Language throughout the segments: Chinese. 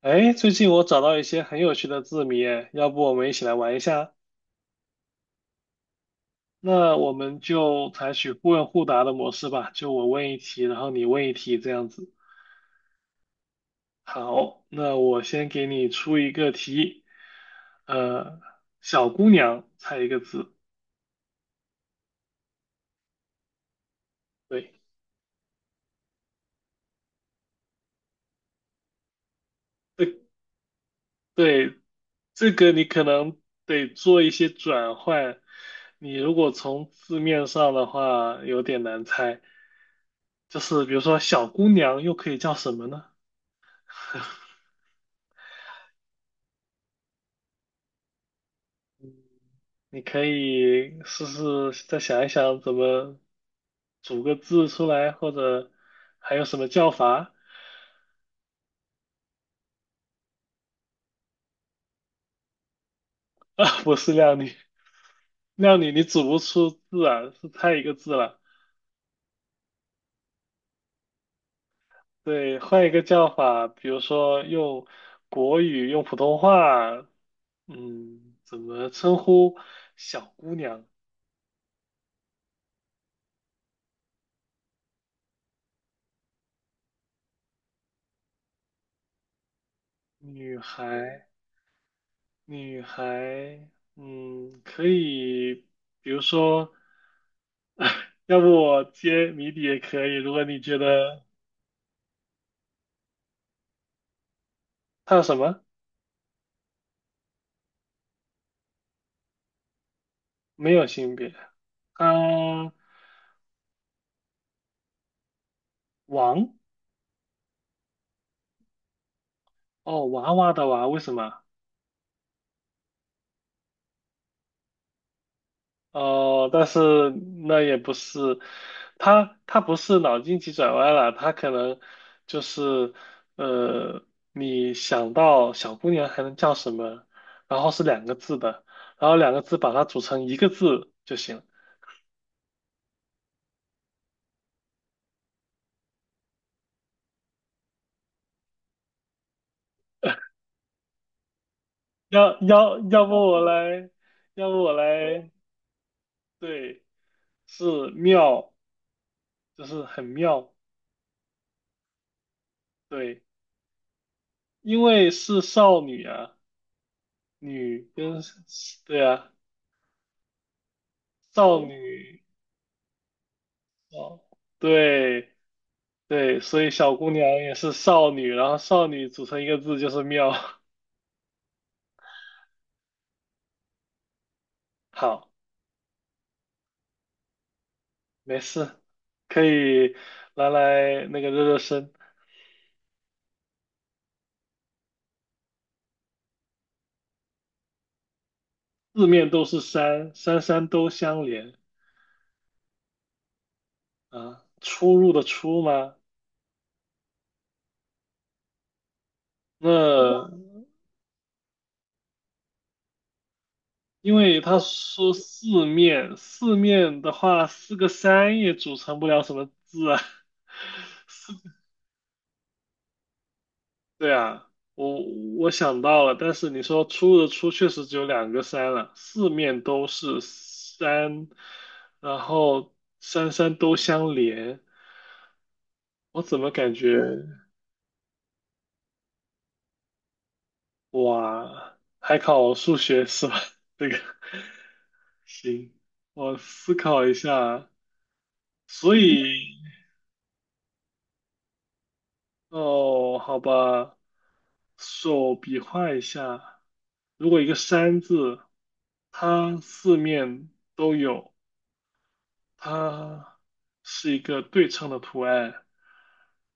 哎，最近我找到一些很有趣的字谜，哎，要不我们一起来玩一下？那我们就采取互问互答的模式吧，就我问一题，然后你问一题这样子。好，那我先给你出一个题，呃，小姑娘，猜一个字。对，对对，这个你可能得做一些转换，你如果从字面上的话，有点难猜。就是比如说小姑娘又可以叫什么呢？你可以试试再想一想怎么组个字出来，或者还有什么叫法。 啊？不是靓女，靓女你组不出字啊，是太一个字了。对，换一个叫法，比如说用国语、用普通话，嗯，怎么称呼小姑娘、女孩？女孩，嗯，可以，比如说，要不我接谜底也可以。如果你觉得她什么没有性别，啊，王哦，娃娃的娃，为什么？哦，但是那也不是，他不是脑筋急转弯了，他可能就是，呃，你想到小姑娘还能叫什么，然后是两个字的，然后两个字把它组成一个字就行。要不我来，要不我来，对，是妙，就是很妙，对，因为是少女啊，女跟，对啊，少女哦，对对，所以小姑娘也是少女，然后少女组成一个字就是妙。好，没事，可以拿来那个热热身。四面都是山，山山都相连啊。出入的出吗？那因为他说四面，四面的话，四个山也组成不了什么字啊。四对啊，我我想到了，但是你说出的出确实只有两个山了，四面都是山，然后山山都相连，我怎么感觉哇，还考数学是吧？这个行，我思考一下，所以哦，好吧，手比划一下，如果一个山字，它四面都有。它是一个对称的图案，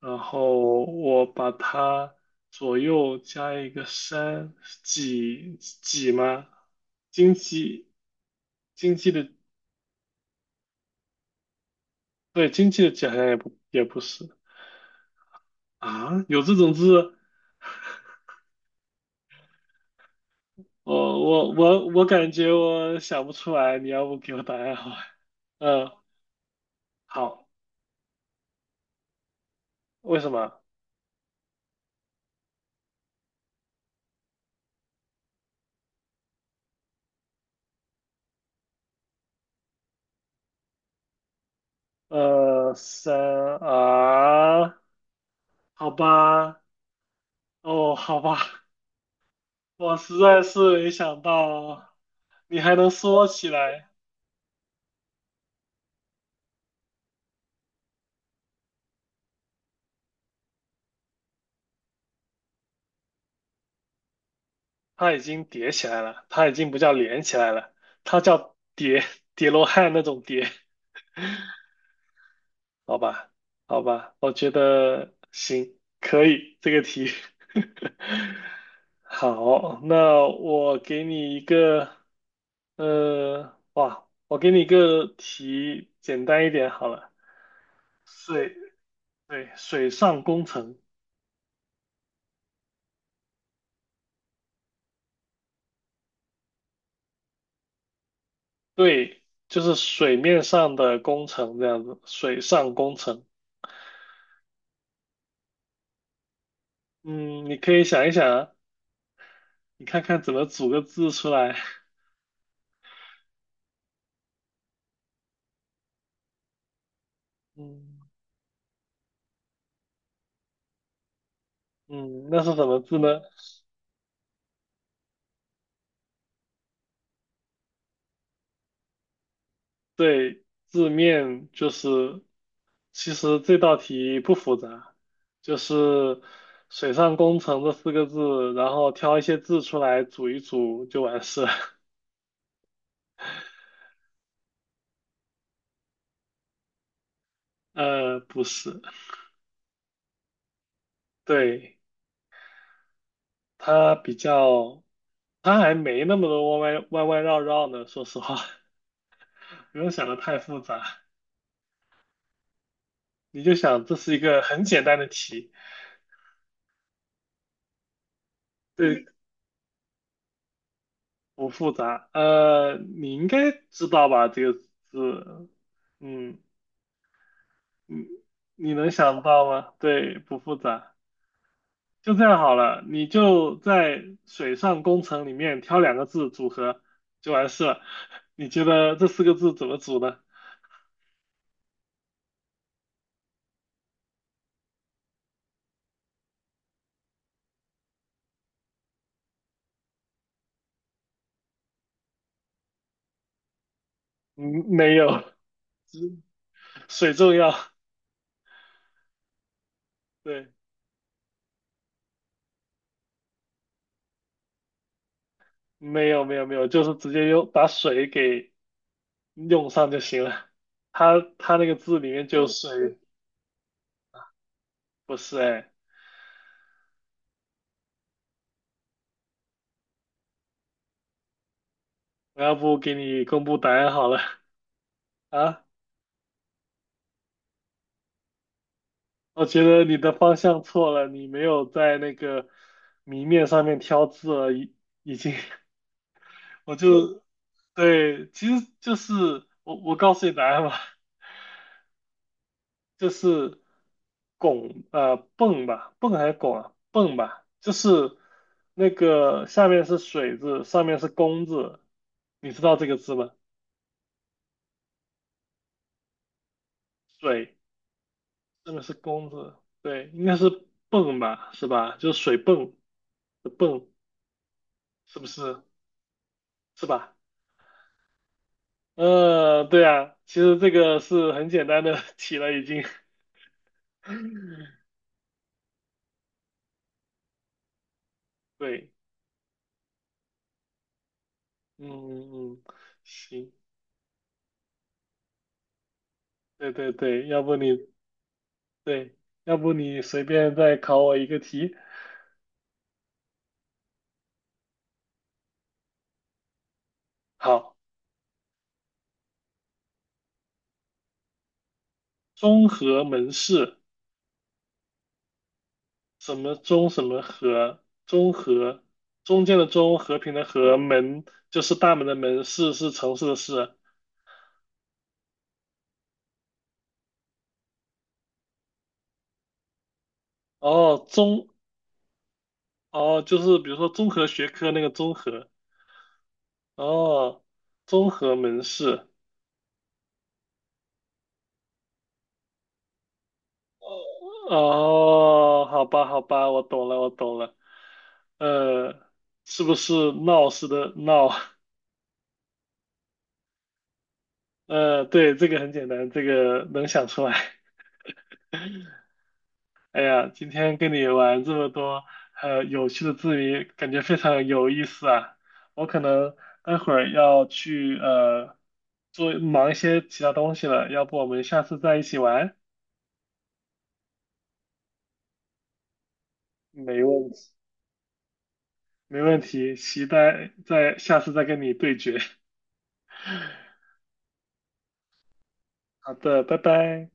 然后我把它左右加一个山，几几吗？经济经济的对经济的几好像也不是啊，有这种字，我感觉我想不出来，你要不给我答案好吧？嗯，好，为什么？呃，三啊，好吧，哦，好吧。我实在是没想到你还能说起来，它已经叠起来了，它已经不叫连起来了，它叫叠罗汉那种叠，好吧，好吧，我觉得行，可以这个题。好，那我给你一个，哇，我给你一个题，简单一点好了，水，对，水上工程。对，就是水面上的工程这样子，水上工程。嗯，你可以想一想啊你看看怎么组个字出来。嗯嗯，那是什么字呢？对，字面就是，其实这道题不复杂，就是水上工程这四个字，然后挑一些字出来组一组就完事了。不是，对，它比较，它还没那么多弯弯弯弯绕绕呢，说实话。不用想的太复杂，你就想这是一个很简单的题，对，不复杂。你应该知道吧？这个字，嗯，你你能想到吗？对，不复杂。就这样好了，你就在水上工程里面挑两个字组合就完事了。你觉得这四个字怎么组呢？嗯，没有，水重要。对，没有，就是直接用把水给用上就行了。它那个字里面就有水，不是哎，我要不给你公布答案好了啊？我觉得你的方向错了，你没有在那个谜面上面挑字了，已经，我就对，其实就是我告诉你答案吧，就是拱泵吧，泵还是拱啊？泵吧，就是那个下面是水字，上面是弓字，你知道这个字吗？水。这个是弓字，对，应该是泵吧，是吧？就是水泵的泵，是不是？是吧？对啊，其实这个是很简单的 题了，已经。对，嗯嗯，行，对对对，要不你对，要不你随便再考我一个题。好，中和门市，什么中什么和，中和，中间的中，和平的和，门就是大门的门，市是城市的市。哦，综，哦，就是比如说综合学科那个综合，哦，综合门市，哦，好吧，好吧，我懂了，我懂了，呃，是不是闹似的闹？对，这个很简单，这个能想出来。哎呀，今天跟你玩这么多有趣的字谜，感觉非常有意思啊。我可能待会儿要去做忙一些其他东西了，要不我们下次再一起玩？没问题，没问题，期待在下次再跟你对决。好的，拜拜。